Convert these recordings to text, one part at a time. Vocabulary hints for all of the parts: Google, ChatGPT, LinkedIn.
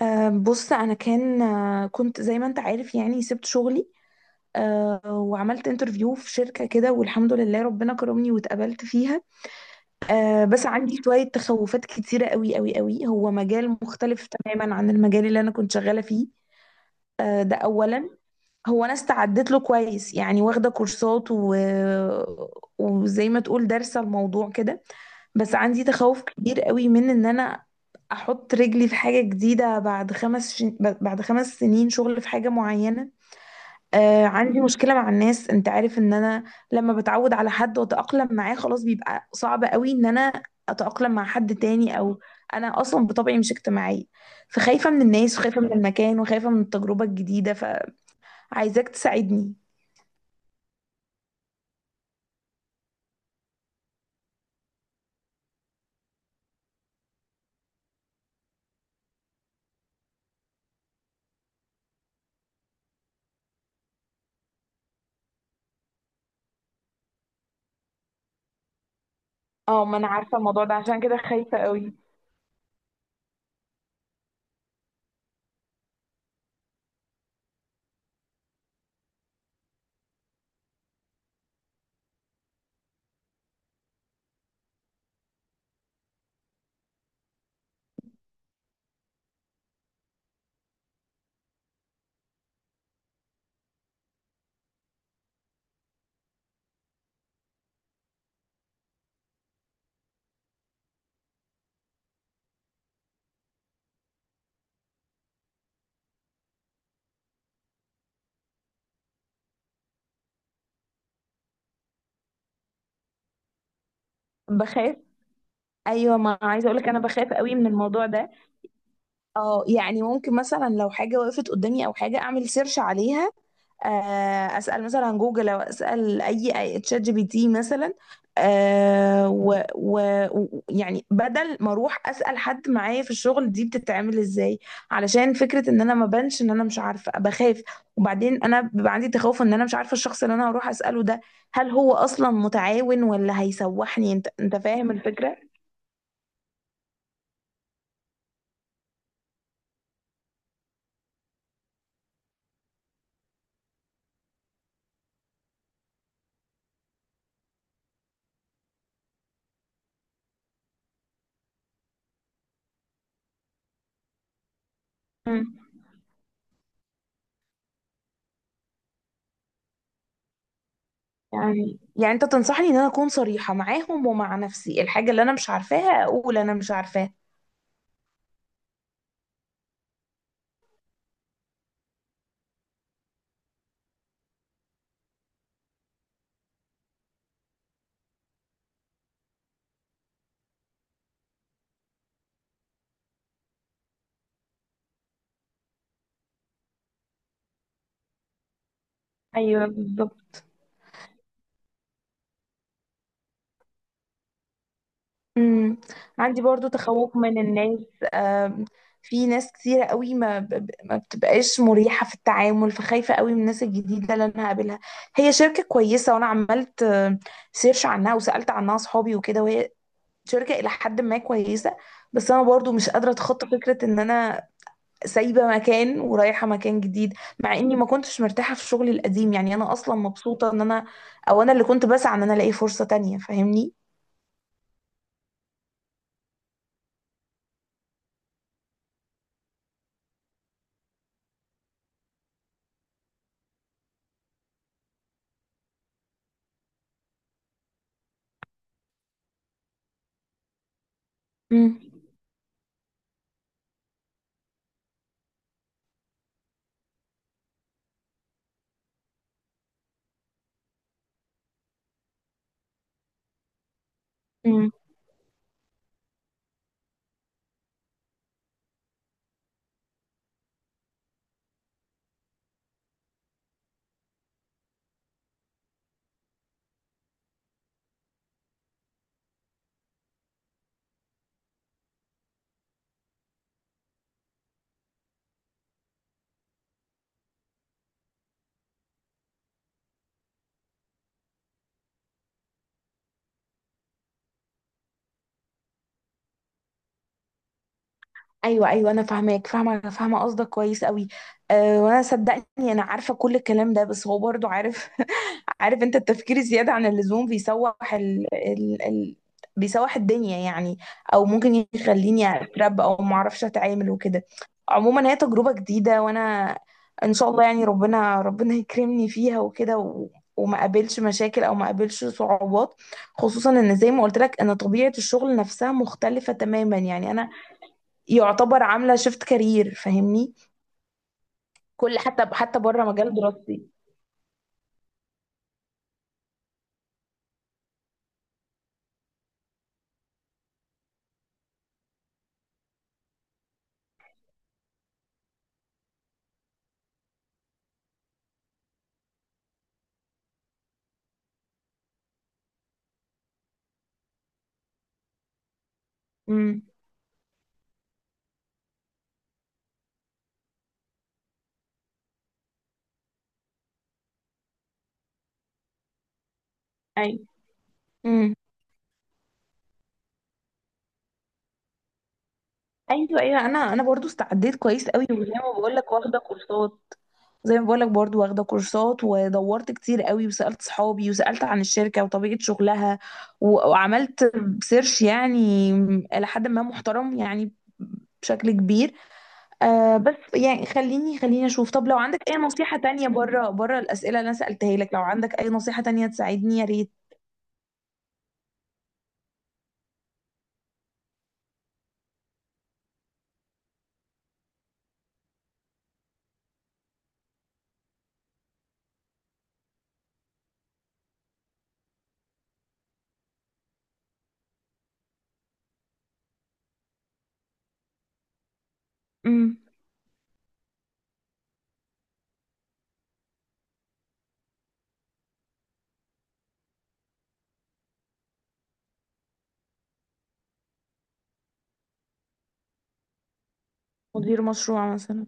بص انا كان آه، كنت زي ما انت عارف، يعني سبت شغلي. وعملت انترفيو في شركة كده، والحمد لله ربنا كرمني واتقبلت فيها. بس عندي شوية تخوفات كتيرة قوي قوي قوي. هو مجال مختلف تماما عن المجال اللي انا كنت شغالة فيه. ده اولا. هو انا استعدت له كويس يعني واخدة كورسات وزي ما تقول دارسة الموضوع كده. بس عندي تخوف كبير قوي من ان انا احط رجلي في حاجة جديدة، بعد 5 سنين شغل في حاجة معينة. عندي مشكلة مع الناس. انت عارف ان انا لما بتعود على حد واتأقلم معاه خلاص بيبقى صعب قوي ان انا اتأقلم مع حد تاني، او انا اصلا بطبعي مش اجتماعية، فخايفة من الناس وخايفة من المكان وخايفة من التجربة الجديدة، فعايزاك تساعدني. اه ما انا عارفة الموضوع ده، عشان كده خايفة قوي. بخاف. ايوه، ما عايزه اقولك انا بخاف قوي من الموضوع ده. اه يعني ممكن مثلا لو حاجة وقفت قدامي أو حاجة، أعمل سيرش عليها، أسأل مثلا عن جوجل، أو أسأل تشات GPT مثلا. آه، و و يعني بدل ما أروح أسأل حد معايا في الشغل دي بتتعمل إزاي، علشان فكرة إن أنا ما بانش إن أنا مش عارفة، بخاف. وبعدين أنا بيبقى عندي تخوف إن أنا مش عارفة الشخص اللي أنا هروح أسأله ده، هل هو أصلا متعاون ولا هيسوحني؟ أنت فاهم الفكرة؟ مم. يعني انت تنصحني ان انا اكون صريحة معاهم ومع نفسي، الحاجة اللي انا مش عارفاها اقول انا مش عارفاها. ايوه بالظبط. امم، عندي برضو تخوف من الناس. آم، في ناس كتيرة قوي ما ب- ب- ما بتبقاش مريحة في التعامل، فخايفة قوي من الناس الجديدة اللي انا هقابلها. هي شركة كويسة، وانا عملت سيرش عنها وسألت عنها اصحابي وكده، وهي شركة الى حد ما كويسة. بس انا برضو مش قادرة اتخطى فكرة ان انا سايبة مكان ورايحة مكان جديد، مع اني ما كنتش مرتاحة في شغلي القديم، يعني انا اصلا مبسوطة ان انا او انا اللي كنت بسعى ان انا الاقي فرصة تانية، فاهمني. امم، ايوه ايوه، انا فاهماك، فاهمه، انا فاهمه قصدك كويس قوي. وانا صدقني انا عارفه كل الكلام ده، بس هو برضو عارف عارف انت التفكير الزياده عن اللزوم بيسوح بيسوح الدنيا يعني، او ممكن يخليني اترب او ما اعرفش اتعامل وكده. عموما هي تجربه جديده، وانا ان شاء الله يعني ربنا ربنا يكرمني فيها وكده، وما قابلش مشاكل او ما قابلش صعوبات، خصوصا ان زي ما قلت لك ان طبيعه الشغل نفسها مختلفه تماما، يعني انا يعتبر عاملة شيفت كارير، فاهمني. كل حتى حتى بره مجال دراستي. امم، ايوه، امم، ايوه، ايوه، انا برضو استعديت كويس قوي وزي ما بقول لك واخده كورسات. زي ما بقول لك برضو واخده كورسات ودورت كتير قوي وسألت صحابي وسألت عن الشركة وطبيعة شغلها، وعملت سيرش يعني إلى حد ما محترم يعني، بشكل كبير. بس يعني، خليني خليني اشوف، طب لو عندك اي نصيحة تانية بره بره الأسئلة اللي انا سألتها لك، لو عندك اي نصيحة تانية تساعدني، يا ريت. امم. مدير مشروع مثلا.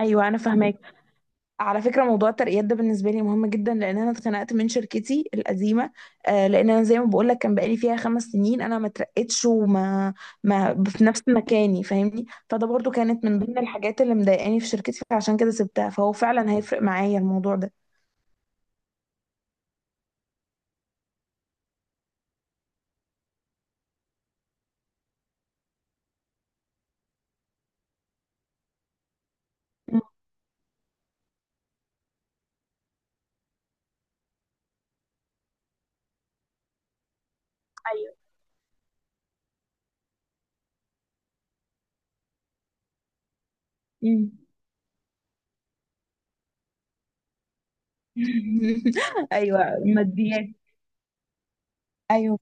ايوه، انا فاهماك. على فكره موضوع الترقيات ده بالنسبه لي مهم جدا، لان انا اتخنقت من شركتي القديمه. لان انا زي ما بقول لك كان بقالي فيها 5 سنين، انا ما اترقتش وما ما في نفس مكاني، فاهمني. فده برضو كانت من ضمن الحاجات اللي مضايقاني في شركتي، فعشان كده سبتها، فهو فعلا هيفرق معايا الموضوع ده. مم. ايوه. مم. ايوه. ماديات. ايوه،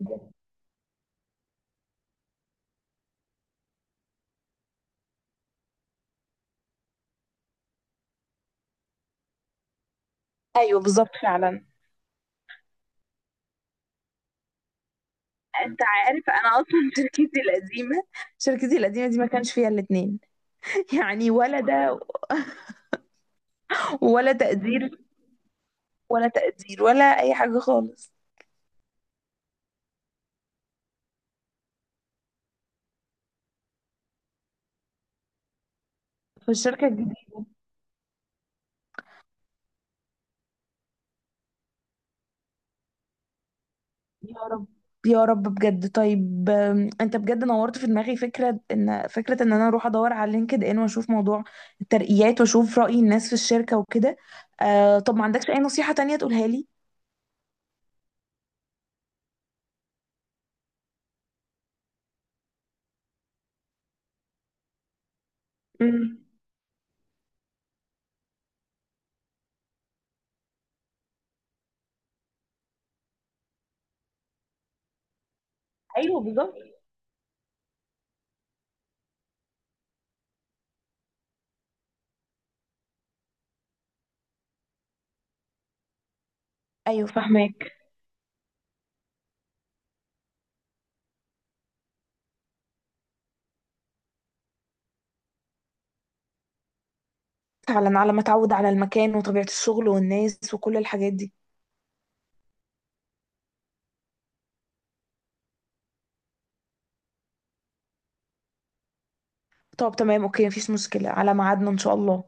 ايوه، بالظبط، فعلا. انت عارف انا اصلا شركتي القديمه دي ما كانش فيها الاثنين، يعني ولا ده، ولا تقدير، ولا تقدير ولا أي حاجة خالص. في الشركة الجديدة. يا رب، يا رب بجد. طيب، انت بجد نورت في دماغي فكرة ان، انا اروح ادور على لينكد ان واشوف موضوع الترقيات واشوف رأي الناس في الشركة وكده. طب ما عندكش اي نصيحة تانية تقولها لي. امم، ايوه بالظبط. ايوه فاهماك. فعلا، على ما اتعود على المكان وطبيعة الشغل والناس وكل الحاجات دي. طب تمام اوكي، مفيش مشكلة على ميعادنا ان شاء الله.